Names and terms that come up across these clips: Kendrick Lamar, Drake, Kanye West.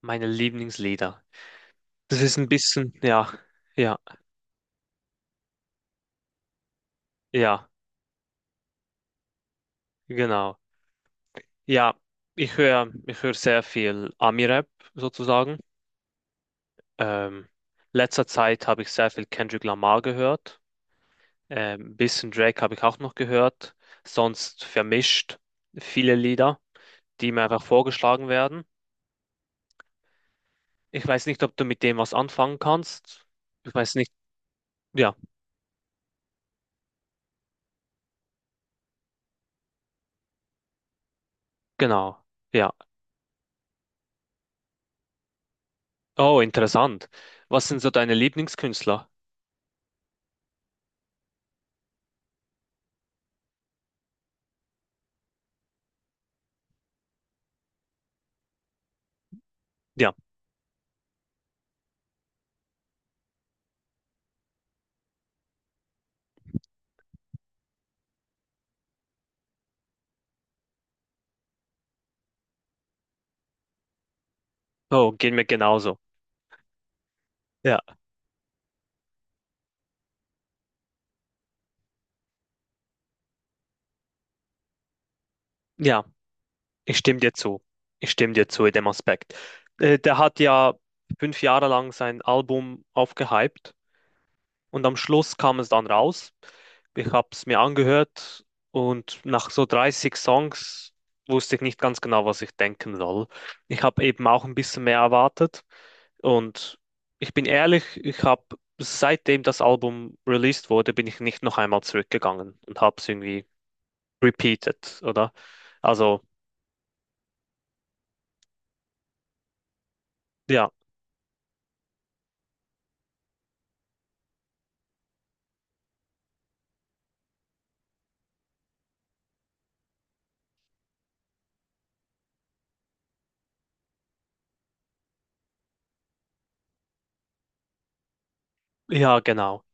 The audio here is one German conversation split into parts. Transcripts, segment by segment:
Meine Lieblingslieder. Das ist ein bisschen, ja, ja, ja, genau. Ja, ich höre sehr viel Ami-Rap sozusagen. Ähm, Letzter Zeit habe ich sehr viel Kendrick Lamar gehört. Bisschen Drake habe ich auch noch gehört. Sonst vermischt viele Lieder, die mir einfach vorgeschlagen werden. Ich weiß nicht, ob du mit dem was anfangen kannst. Ich weiß nicht. Ja, genau. Ja. Oh, interessant. Was sind so deine Lieblingskünstler? Ja. Oh, geht mir genauso. Ja, ja, ich stimme dir zu. Ich stimme dir zu in dem Aspekt. Der hat ja 5 Jahre lang sein Album aufgehypt und am Schluss kam es dann raus. Ich habe es mir angehört und nach so 30 Songs wusste ich nicht ganz genau, was ich denken soll. Ich habe eben auch ein bisschen mehr erwartet, und ich bin ehrlich, ich habe, seitdem das Album released wurde, bin ich nicht noch einmal zurückgegangen und habe es irgendwie repeated, oder? Also. Ja, ja, genau.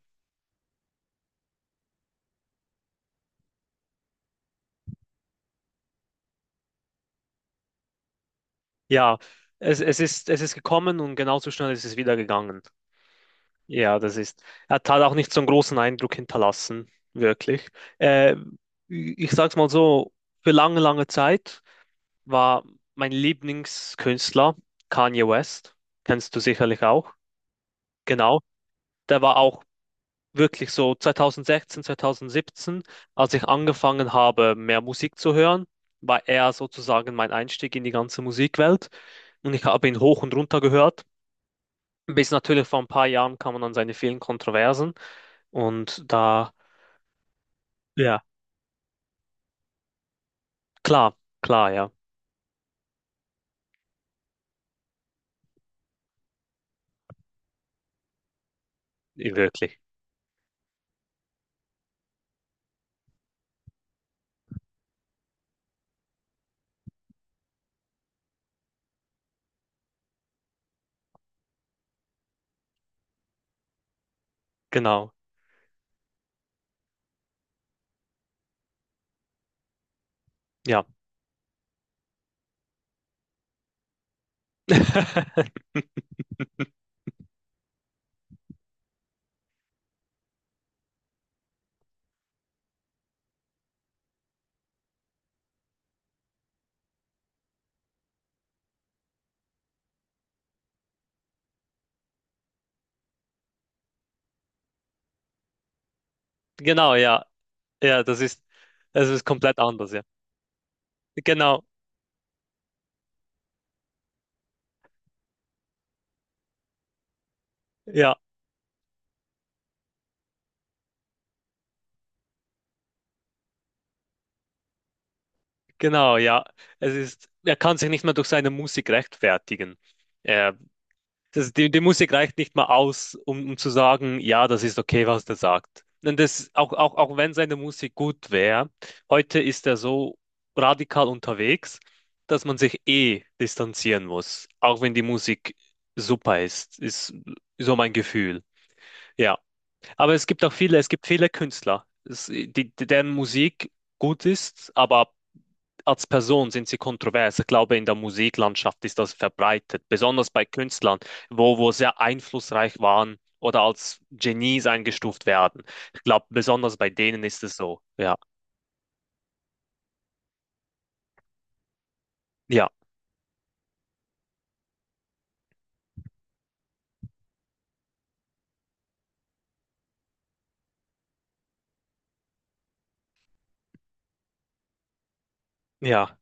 Ja, es ist, es ist gekommen und genauso schnell ist es wieder gegangen. Ja, das ist. Er hat halt auch nicht so einen großen Eindruck hinterlassen, wirklich. Äh, Ich sag's mal so, für lange, lange Zeit war mein Lieblingskünstler Kanye West. Kennst du sicherlich auch. Genau. Der war auch wirklich so 2016, 2017, als ich angefangen habe, mehr Musik zu hören, war er sozusagen mein Einstieg in die ganze Musikwelt. Und ich habe ihn hoch und runter gehört. Bis natürlich vor ein paar Jahren kam man an seine vielen Kontroversen. Und da, ja, klar, klar, ja, wirklich. Genau, ja. Genau, ja. Ja, das ist, es ist komplett anders, ja. Genau, ja, genau, ja. Es ist, er kann sich nicht mehr durch seine Musik rechtfertigen. Er, das, die Musik reicht nicht mal aus, um, um zu sagen, ja, das ist okay, was der sagt. Und das, auch, auch, auch wenn seine Musik gut wäre, heute ist er so radikal unterwegs, dass man sich eh distanzieren muss, auch wenn die Musik super ist, ist so mein Gefühl. Ja. Aber es gibt auch viele, es gibt viele Künstler, es, deren Musik gut ist, aber als Person sind sie kontrovers. Ich glaube, in der Musiklandschaft ist das verbreitet, besonders bei Künstlern, wo sehr einflussreich waren oder als Genies eingestuft werden. Ich glaube, besonders bei denen ist es so. Ja, ja, ja,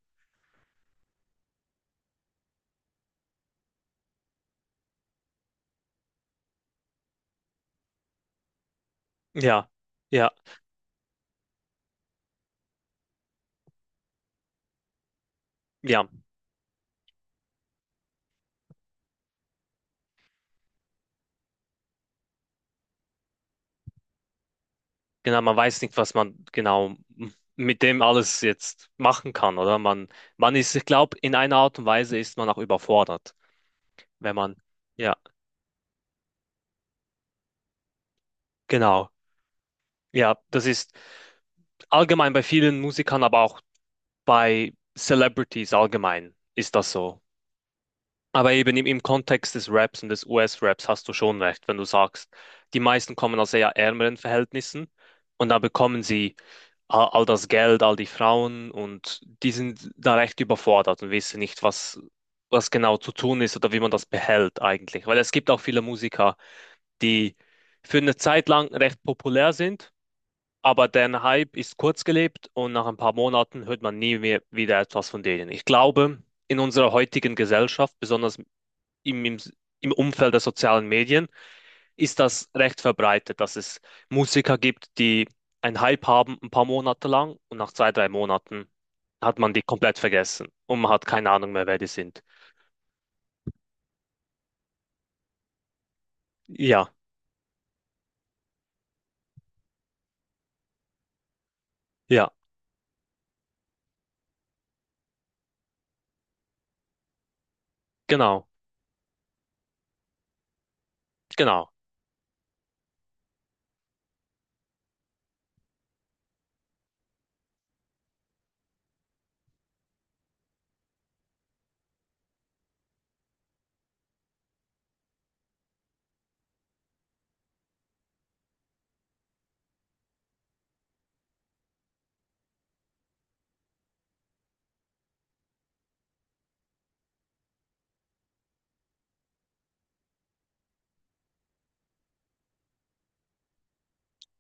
ja, ja, ja. Genau, man weiß nicht, was man genau mit dem alles jetzt machen kann, oder? Man ist, ich glaube, in einer Art und Weise ist man auch überfordert. Wenn man, ja, genau. Ja, das ist allgemein bei vielen Musikern, aber auch bei Celebrities allgemein ist das so. Aber eben im, im Kontext des Raps und des US-Raps hast du schon recht, wenn du sagst, die meisten kommen aus eher ärmeren Verhältnissen, und da bekommen sie all das Geld, all die Frauen, und die sind da recht überfordert und wissen nicht, was, was genau zu tun ist oder wie man das behält eigentlich. Weil es gibt auch viele Musiker, die für eine Zeit lang recht populär sind. Aber der Hype ist kurzgelebt, und nach ein paar Monaten hört man nie mehr wieder etwas von denen. Ich glaube, in unserer heutigen Gesellschaft, besonders im, im, im Umfeld der sozialen Medien, ist das recht verbreitet, dass es Musiker gibt, die einen Hype haben ein paar Monate lang und nach 2, 3 Monaten hat man die komplett vergessen und man hat keine Ahnung mehr, wer die sind. Ja, ja, genau, genau.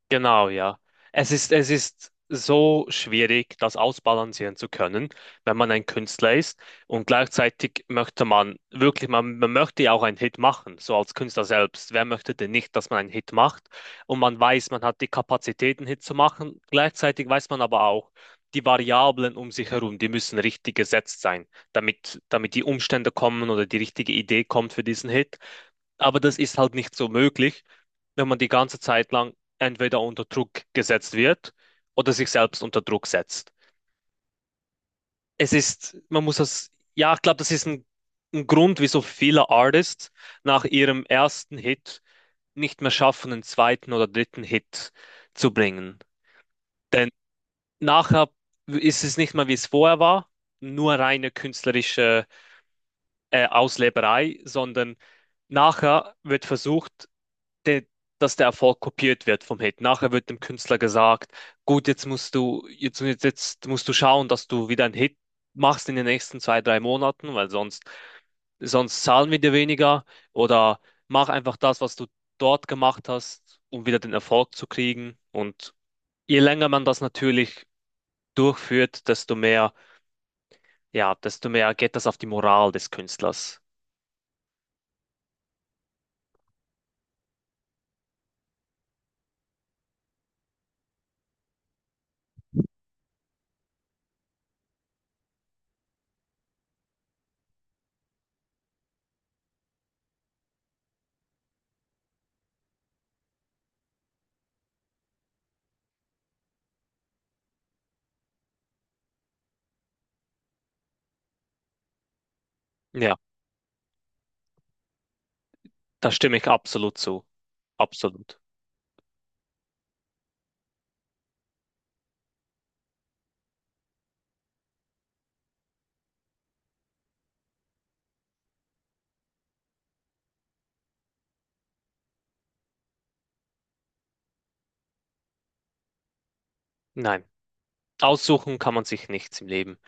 Genau, ja. Es ist so schwierig, das ausbalancieren zu können, wenn man ein Künstler ist. Und gleichzeitig möchte man wirklich, man möchte ja auch einen Hit machen, so als Künstler selbst. Wer möchte denn nicht, dass man einen Hit macht? Und man weiß, man hat die Kapazität, einen Hit zu machen. Gleichzeitig weiß man aber auch, die Variablen um sich herum, die müssen richtig gesetzt sein, damit, damit die Umstände kommen oder die richtige Idee kommt für diesen Hit. Aber das ist halt nicht so möglich, wenn man die ganze Zeit lang entweder unter Druck gesetzt wird oder sich selbst unter Druck setzt. Es ist, man muss das, ja, ich glaube, das ist ein Grund, wieso viele Artists nach ihrem ersten Hit nicht mehr schaffen, einen zweiten oder dritten Hit zu bringen. Denn nachher ist es nicht mehr, wie es vorher war, nur reine künstlerische Ausleberei, sondern nachher wird versucht, der, dass der Erfolg kopiert wird vom Hit. Nachher wird dem Künstler gesagt, gut, jetzt musst du, jetzt musst du schauen, dass du wieder einen Hit machst in den nächsten 2, 3 Monaten, weil sonst, sonst zahlen wir dir weniger. Oder mach einfach das, was du dort gemacht hast, um wieder den Erfolg zu kriegen. Und je länger man das natürlich durchführt, desto mehr, ja, desto mehr geht das auf die Moral des Künstlers. Ja, da stimme ich absolut zu. Absolut. Nein. Aussuchen kann man sich nichts im Leben.